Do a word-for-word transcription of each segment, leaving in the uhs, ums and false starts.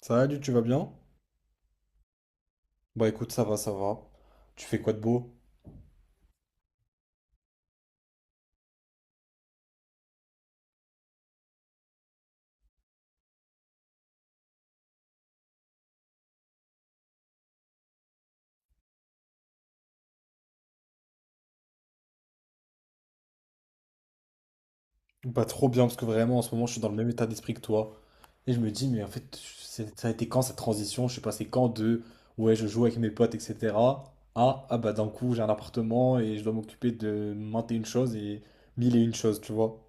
Salut, tu vas bien? Bah écoute, ça va, ça va. Tu fais quoi de beau? Bah trop bien, parce que vraiment en ce moment je suis dans le même état d'esprit que toi. Et je me dis, mais en fait, c'est- ça a été quand cette transition? Je suis passé quand de ouais, je joue avec mes potes, et cetera. Ah, ah bah d'un coup j'ai un appartement et je dois m'occuper de maintes et une choses et mille et une choses, tu vois.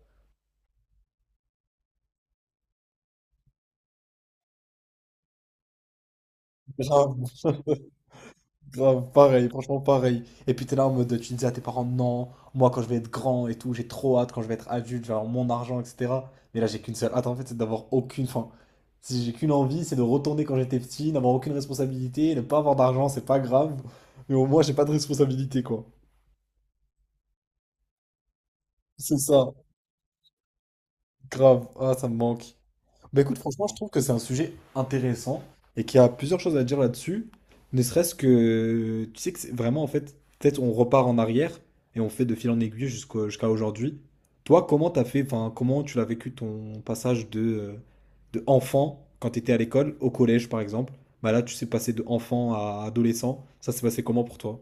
Grave. Grave, pareil, franchement pareil. Et puis t'es là en mode, tu disais à tes parents, non, moi quand je vais être grand et tout, j'ai trop hâte, quand je vais être adulte, je vais avoir mon argent, et cetera. Mais là j'ai qu'une seule hâte en fait, c'est d'avoir aucune fin. Si j'ai qu'une envie, c'est de retourner quand j'étais petit, n'avoir aucune responsabilité, ne pas avoir d'argent, c'est pas grave. Mais au moins j'ai pas de responsabilité quoi. C'est ça, grave. Ah, ça me manque. Bah écoute, franchement, je trouve que c'est un sujet intéressant et qu'il y a plusieurs choses à dire là-dessus. Ne serait-ce que, tu sais que c'est vraiment, en fait, peut-être on repart en arrière et on fait de fil en aiguille jusqu'au- jusqu'à aujourd'hui. Toi, comment t'as fait, enfin, comment tu l'as vécu ton passage de, euh, de enfant quand t'étais à l'école, au collège par exemple? Bah là, tu sais passer de enfant à adolescent. Ça s'est passé comment pour toi?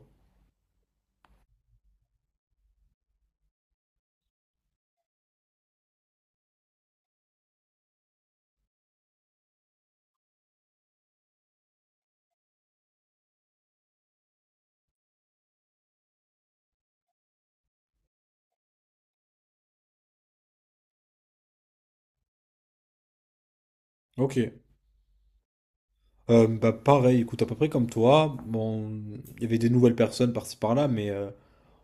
Ok. Euh, bah pareil, écoute, à peu près comme toi. Bon, il y avait des nouvelles personnes par-ci par-là, mais euh,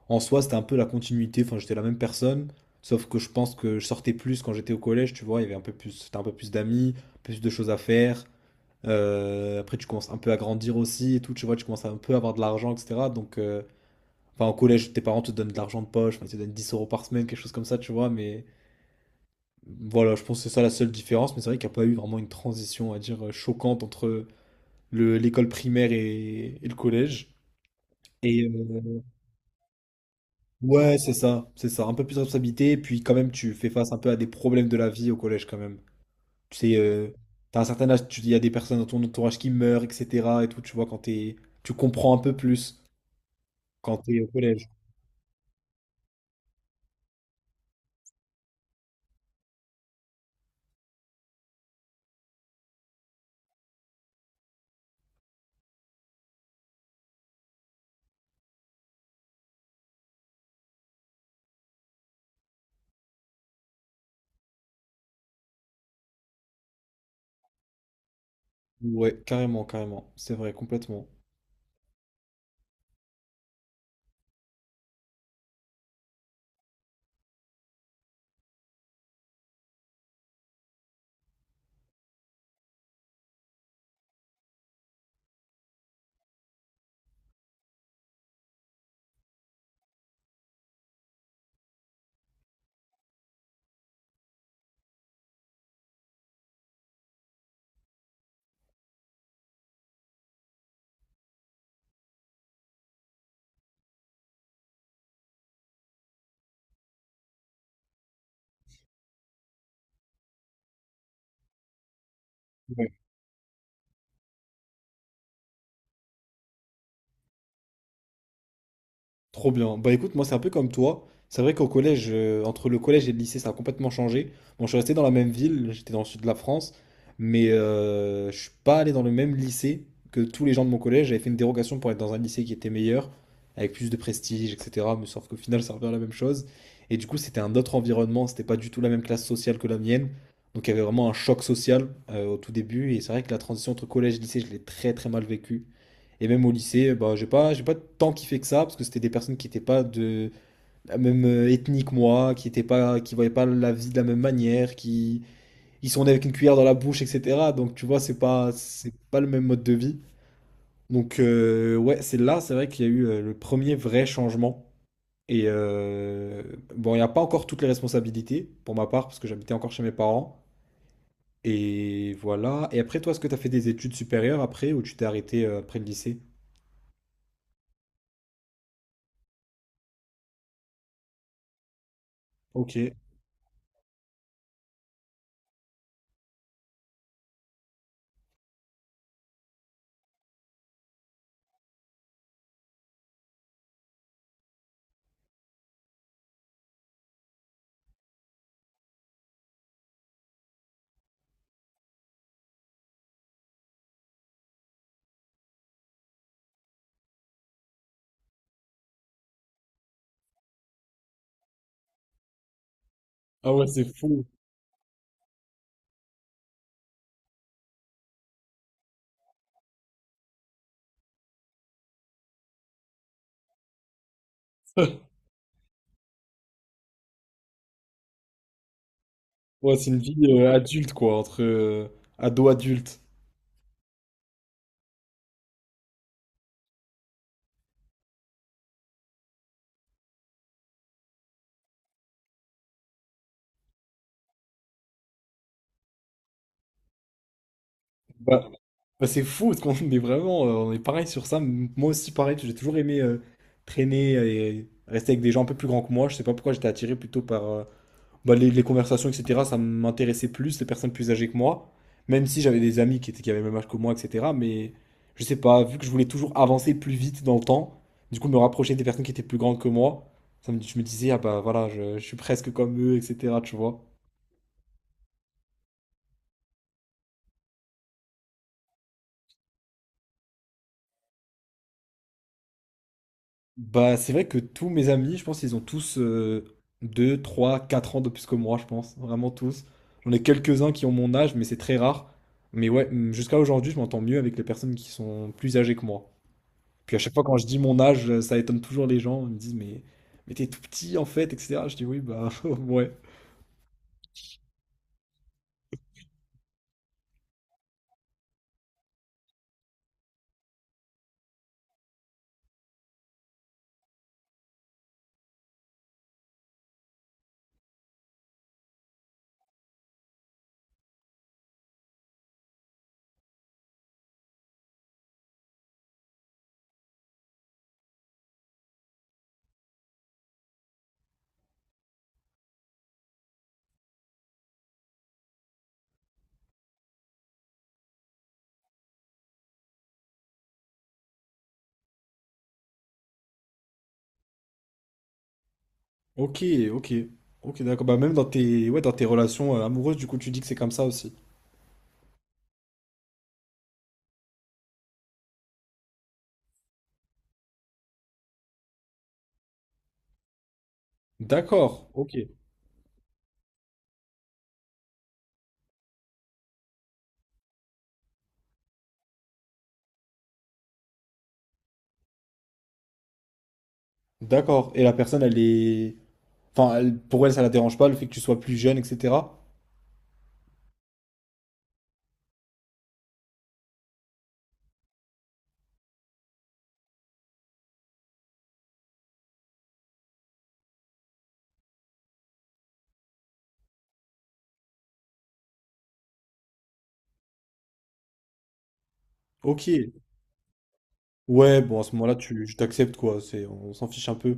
En soi, c'était un peu la continuité. Enfin, j'étais la même personne. Sauf que je pense que je sortais plus quand j'étais au collège, tu vois. Il y avait un peu plus, c'était un peu plus d'amis, plus de choses à faire. Euh, après, tu commences un peu à grandir aussi et tout. Tu vois, tu commences à un peu avoir de l'argent, et cetera. Donc, euh, enfin, au collège, tes parents te donnent de l'argent de poche. Enfin, ils te donnent dix euros par semaine, quelque chose comme ça, tu vois. Mais voilà, je pense que c'est ça la seule différence. Mais c'est vrai qu'il n'y a pas eu vraiment une transition, à dire, euh, choquante entre le- l'école primaire et, et le collège. Et, euh, Ouais, c'est ça, c'est ça. Un peu plus de responsabilité, puis quand même, tu fais face un peu à des problèmes de la vie au collège quand même. Tu sais, euh, t'as un certain âge, tu il y a des personnes dans ton entourage qui meurent, et cetera et tout, tu vois, quand t'es, tu comprends un peu plus quand t'es au collège. Ouais, carrément, carrément. C'est vrai, complètement. Trop bien. Bah écoute, moi c'est un peu comme toi. C'est vrai qu'au collège, euh, entre le collège et le lycée, ça a complètement changé. Bon, je suis resté dans la même ville, j'étais dans le sud de la France, mais euh, je suis pas allé dans le même lycée que tous les gens de mon collège. J'avais fait une dérogation pour être dans un lycée qui était meilleur, avec plus de prestige, et cetera. Mais sauf qu'au final, ça revient à la même chose. Et du coup, c'était un autre environnement, c'était pas du tout la même classe sociale que la mienne. Donc il y avait vraiment un choc social euh, au tout début. Et c'est vrai que la transition entre collège et lycée, je l'ai très très mal vécu. Et même au lycée, bah, j'ai pas, j'ai pas tant kiffé que ça, parce que c'était des personnes qui n'étaient pas de la même euh, ethnie que moi, qui étaient pas, qui voyaient pas la vie de la même manière, qui, ils sont nés avec une cuillère dans la bouche, et cetera. Donc tu vois, c'est pas, c'est pas le même mode de vie. Donc euh, ouais, c'est là, c'est vrai qu'il y a eu euh, le premier vrai changement. Et euh, bon, il n'y a pas encore toutes les responsabilités, pour ma part, parce que j'habitais encore chez mes parents. Et voilà. Et après, toi, est-ce que tu as fait des études supérieures après, ou tu t'es arrêté euh, après le lycée? Ok. Ah ouais, c'est fou. Ouais, c'est une vie euh, adulte, quoi, entre euh, ado-adulte. Bah, bah, c'est fou, parce qu'on est vraiment, euh, on est pareil sur ça. M- Moi aussi, pareil, j'ai toujours aimé euh, traîner et rester avec des gens un peu plus grands que moi. Je sais pas pourquoi j'étais attiré plutôt par euh, bah, les, les conversations, et cetera. Ça m'intéressait plus, les personnes plus âgées que moi. Même si j'avais des amis qui étaient, qui avaient le même âge que moi, et cetera. Mais je sais pas, vu que je voulais toujours avancer plus vite dans le temps, du coup, me rapprocher des personnes qui étaient plus grandes que moi, ça me, je me disais, ah bah voilà, je, je suis presque comme eux, et cetera. Tu vois. Bah, c'est vrai que tous mes amis, je pense, ils ont tous euh, deux trois quatre ans de plus que moi, je pense. Vraiment tous. J'en ai quelques-uns qui ont mon âge, mais c'est très rare. Mais ouais, hum, jusqu'à aujourd'hui, je m'entends mieux avec les personnes qui sont plus âgées que moi. Puis à chaque fois, quand je dis mon âge, euh, ça étonne toujours les gens. Ils me disent, mais, mais t'es tout petit en fait, et cetera. Je dis, oui, bah, ouais. Ok, ok. Ok, d'accord. Bah, même dans tes, ouais, dans tes relations euh, amoureuses, du coup, tu dis que c'est comme ça aussi. D'accord, ok. D'accord. Et la personne, elle est. Enfin, elle- pour elle, ça la dérange pas, le fait que tu sois plus jeune, et cetera. Ok. Ouais, bon, à ce moment-là, tu je t'accepte, quoi. C'est, on s'en fiche un peu.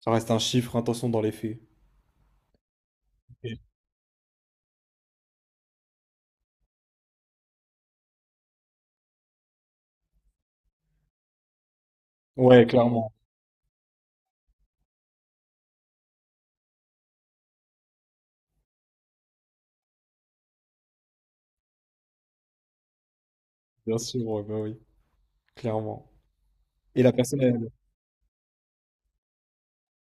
Ça reste un chiffre, attention dans les faits. Ok. Ouais, clairement. Bien sûr, ouais, bah oui, clairement. Et la personne, elle...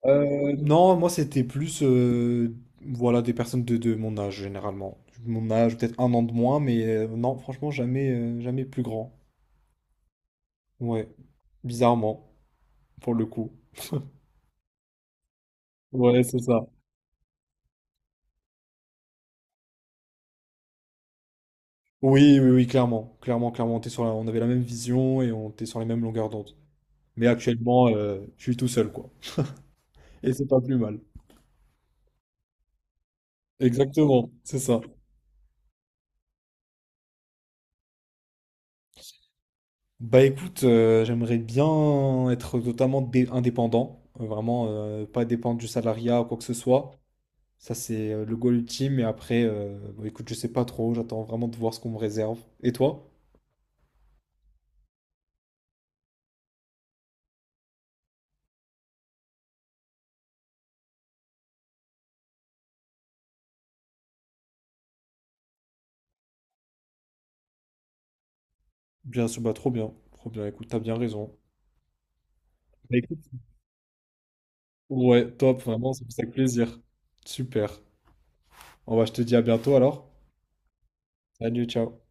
Euh, non, moi, c'était plus, euh, voilà, des personnes de, de mon âge, généralement. Mon âge, peut-être un an de moins, mais euh, non, franchement, jamais, euh, jamais plus grand. Ouais, bizarrement, pour le coup. Ouais, c'est ça. Oui, oui, oui, clairement, clairement, clairement, on était sur la- on avait la même vision et on était sur les mêmes longueurs d'onde. Mais actuellement, euh, je suis tout seul, quoi. Et c'est pas plus mal. Exactement, c'est ça. Bah écoute, euh, j'aimerais bien être totalement dé- indépendant, euh, vraiment euh, pas dépendre du salariat ou quoi que ce soit. Ça, c'est euh, le goal ultime. Et après, euh, bah, écoute, je sais pas trop, j'attends vraiment de voir ce qu'on me réserve. Et toi? Bien sûr, bah trop bien, trop bien. Écoute, t'as bien raison. Bah écoute, ouais, top, vraiment, ça me fait plaisir. Super. On va, je te dis à bientôt alors. Salut, ciao.